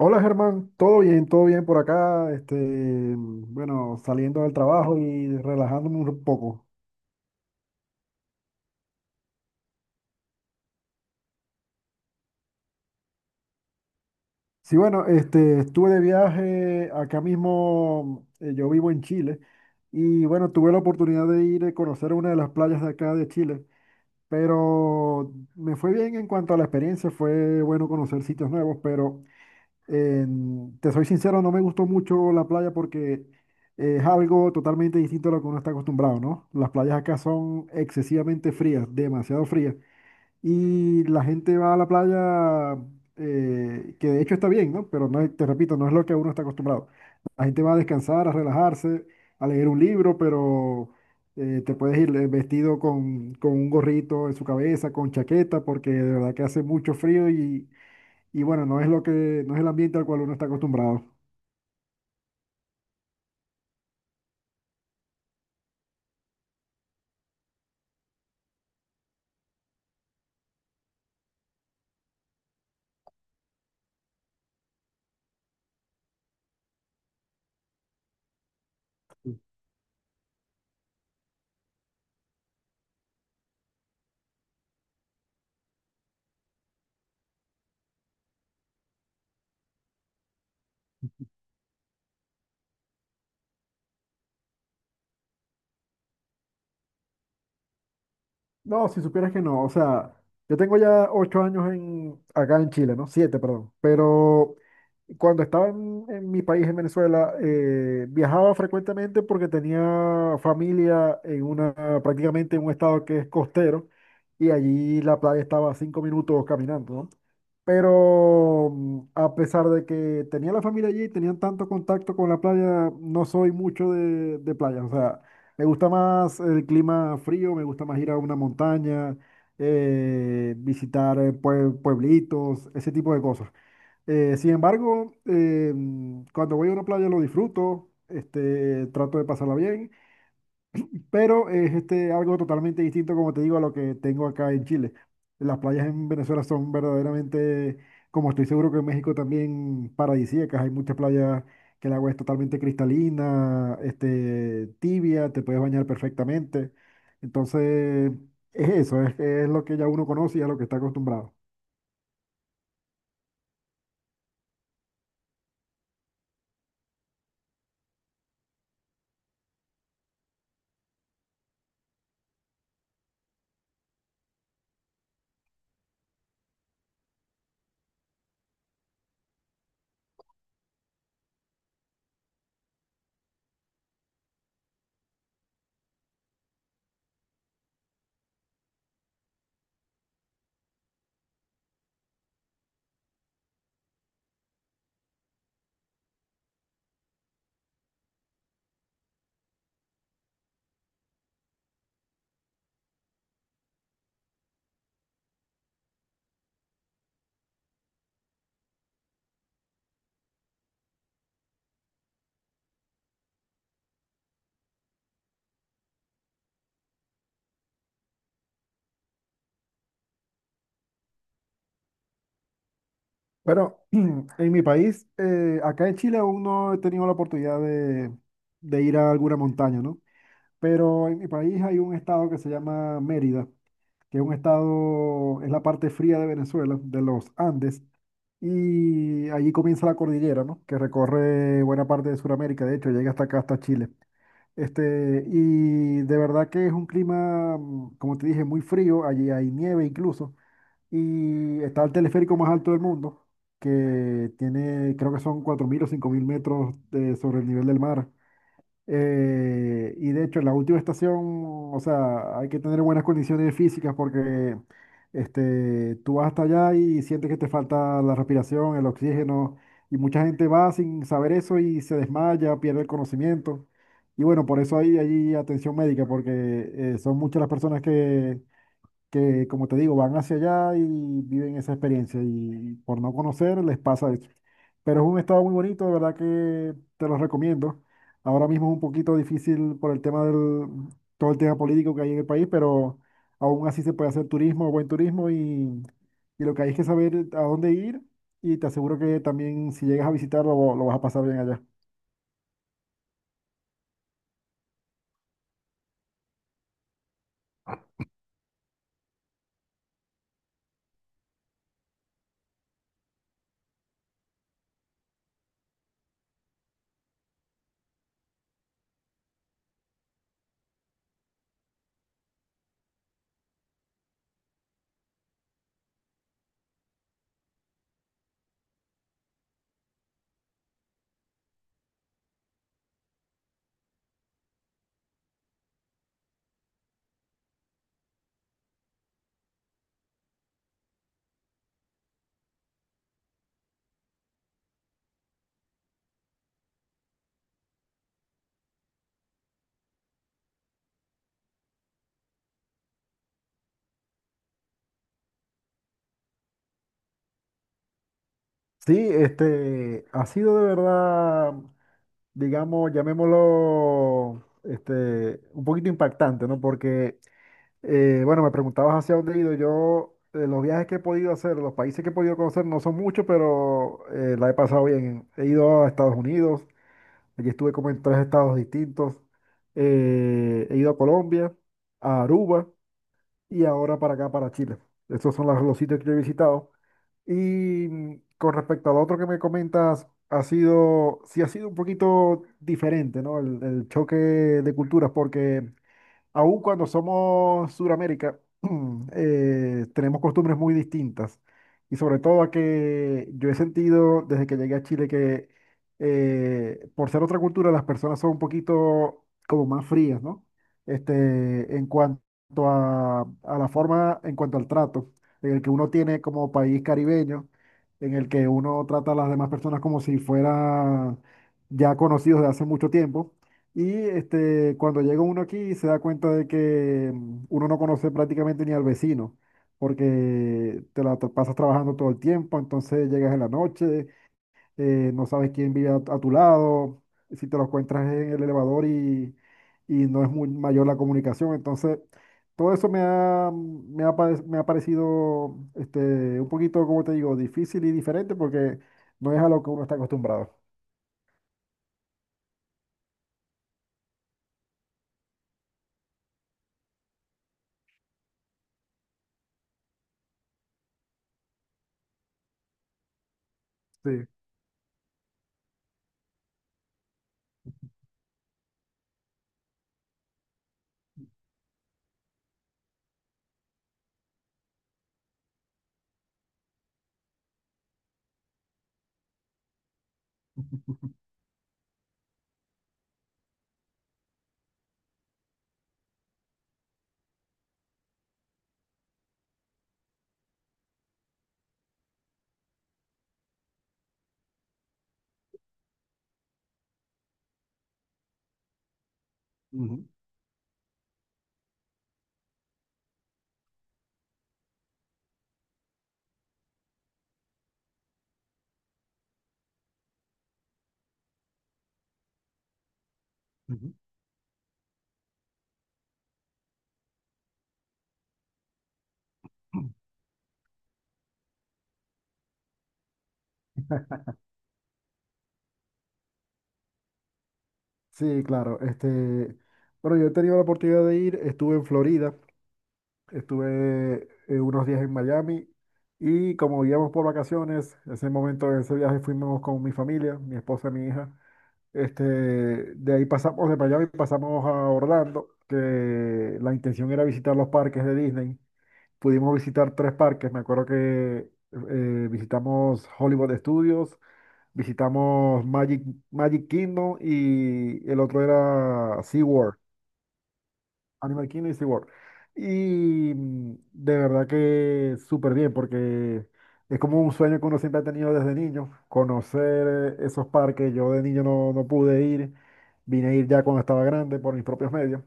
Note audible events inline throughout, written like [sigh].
Hola Germán, todo bien por acá, bueno, saliendo del trabajo y relajándome un poco. Sí, bueno, estuve de viaje acá mismo, yo vivo en Chile y bueno, tuve la oportunidad de ir a conocer una de las playas de acá de Chile, pero me fue bien en cuanto a la experiencia, fue bueno conocer sitios nuevos, pero te soy sincero, no me gustó mucho la playa porque es algo totalmente distinto a lo que uno está acostumbrado, ¿no? Las playas acá son excesivamente frías, demasiado frías. Y la gente va a la playa, que de hecho está bien, ¿no? Pero no, te repito, no es lo que uno está acostumbrado. La gente va a descansar, a relajarse, a leer un libro, pero te puedes ir vestido con un gorrito en su cabeza, con chaqueta, porque de verdad que hace mucho frío y bueno, no es el ambiente al cual uno está acostumbrado. No, si supieras que no, o sea, yo tengo ya 8 años acá en Chile, ¿no? Siete, perdón. Pero cuando estaba en mi país, en Venezuela, viajaba frecuentemente porque tenía familia prácticamente en un estado que es costero y allí la playa estaba a 5 minutos caminando, ¿no? Pero a pesar de que tenía la familia allí, tenían tanto contacto con la playa, no soy mucho de playa. O sea, me gusta más el clima frío, me gusta más ir a una montaña, visitar pueblitos, ese tipo de cosas. Sin embargo, cuando voy a una playa lo disfruto, trato de pasarla bien, pero es algo totalmente distinto, como te digo, a lo que tengo acá en Chile. Las playas en Venezuela son verdaderamente, como estoy seguro que en México también, paradisíacas. Hay muchas playas que el agua es totalmente cristalina, tibia, te puedes bañar perfectamente. Entonces, es eso, es lo que ya uno conoce y a lo que está acostumbrado. Pero [clears throat] en mi país, acá en Chile aún no he tenido la oportunidad de ir a alguna montaña, ¿no? Pero en mi país hay un estado que se llama Mérida, que es un estado, es la parte fría de Venezuela, de los Andes, y allí comienza la cordillera, ¿no? Que recorre buena parte de Sudamérica, de hecho, llega hasta acá, hasta Chile. Y de verdad que es un clima, como te dije, muy frío, allí hay nieve incluso. Y está el teleférico más alto del mundo, que tiene, creo que son 4.000 o 5.000 metros sobre el nivel del mar. Y de hecho, la última estación, o sea, hay que tener buenas condiciones físicas porque tú vas hasta allá y sientes que te falta la respiración, el oxígeno, y mucha gente va sin saber eso y se desmaya, pierde el conocimiento. Y bueno, por eso hay atención médica, porque son muchas las personas que como te digo, van hacia allá y viven esa experiencia y por no conocer les pasa eso. Pero es un estado muy bonito, de verdad que te lo recomiendo. Ahora mismo es un poquito difícil por todo el tema político que hay en el país, pero aún así se puede hacer turismo, buen turismo y lo que hay es que saber a dónde ir y te aseguro que también si llegas a visitarlo lo vas a pasar bien allá. Sí, ha sido de verdad, digamos, llamémoslo, un poquito impactante, ¿no? Porque, bueno, me preguntabas hacia dónde he ido. Yo, los viajes que he podido hacer, los países que he podido conocer, no son muchos, pero la he pasado bien. He ido a Estados Unidos, allí estuve como en 3 estados distintos. He ido a Colombia, a Aruba y ahora para acá, para Chile. Esos son los sitios que yo he visitado. Y con respecto al otro que me comentas, sí ha sido un poquito diferente, ¿no? El choque de culturas, porque aún cuando somos Suramérica, [clears throat] tenemos costumbres muy distintas. Y sobre todo a que yo he sentido desde que llegué a Chile que por ser otra cultura las personas son un poquito como más frías, ¿no? En cuanto a la forma, en cuanto al trato, en el que uno tiene como país caribeño, en el que uno trata a las demás personas como si fuera ya conocidos de hace mucho tiempo. Y cuando llega uno aquí se da cuenta de que uno no conoce prácticamente ni al vecino, porque te la pasas trabajando todo el tiempo, entonces llegas en la noche, no sabes quién vive a tu lado, si te lo encuentras en el elevador y no es muy mayor la comunicación. Entonces, todo eso me ha parecido un poquito, como te digo, difícil y diferente porque no es a lo que uno está acostumbrado. Sí. Ujú, ujú. Sí, claro. Bueno, yo he tenido la oportunidad de ir, estuve en Florida, estuve unos días en Miami y como íbamos por vacaciones, ese momento, ese viaje fuimos con mi familia, mi esposa y mi hija. De ahí pasamos de Miami, pasamos a Orlando, que la intención era visitar los parques de Disney. Pudimos visitar 3 parques, me acuerdo que visitamos Hollywood Studios, visitamos Magic Kingdom y el otro era Animal Kingdom y SeaWorld. Y de verdad que súper bien porque es como un sueño que uno siempre ha tenido desde niño, conocer esos parques. Yo de niño no pude ir, vine a ir ya cuando estaba grande por mis propios medios.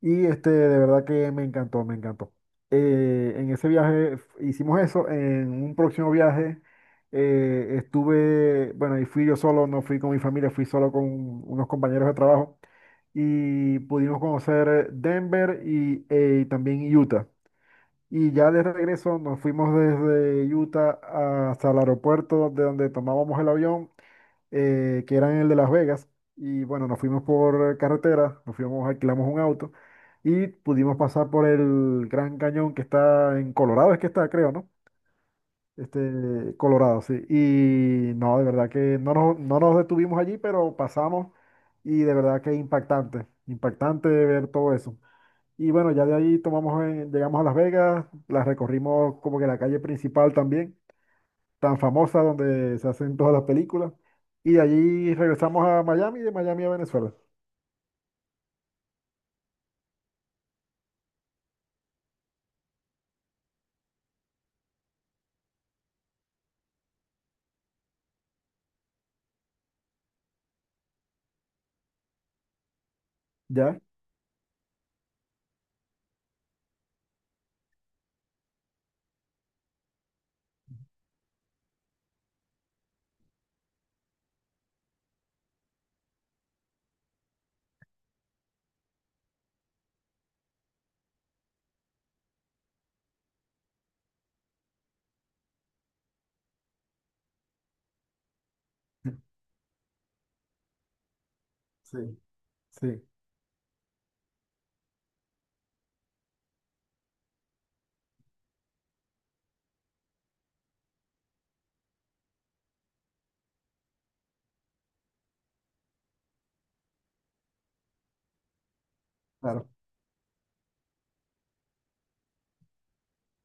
Y de verdad que me encantó, me encantó. En ese viaje hicimos eso. En un próximo viaje estuve, bueno, y fui yo solo, no fui con mi familia, fui solo con unos compañeros de trabajo. Y pudimos conocer Denver y también Utah. Y ya de regreso nos fuimos desde Utah hasta el aeropuerto de donde tomábamos el avión que eran el de Las Vegas. Y bueno, nos fuimos por carretera, alquilamos un auto y pudimos pasar por el Gran Cañón que está en Colorado, es que está, creo, ¿no? Colorado, sí. Y no, de verdad que no nos detuvimos allí, pero pasamos y de verdad que impactante, impactante ver todo eso. Y bueno, ya de ahí llegamos a Las Vegas, las recorrimos como que la calle principal también tan famosa donde se hacen todas las películas. Y de allí regresamos a Miami y de Miami a Venezuela. ¿Ya? Sí, sí, claro.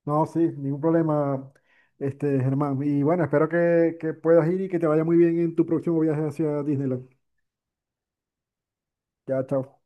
No, sí, ningún problema, Germán. Y bueno, espero que puedas ir y que te vaya muy bien en tu próximo viaje hacia Disneyland. Ya, chao.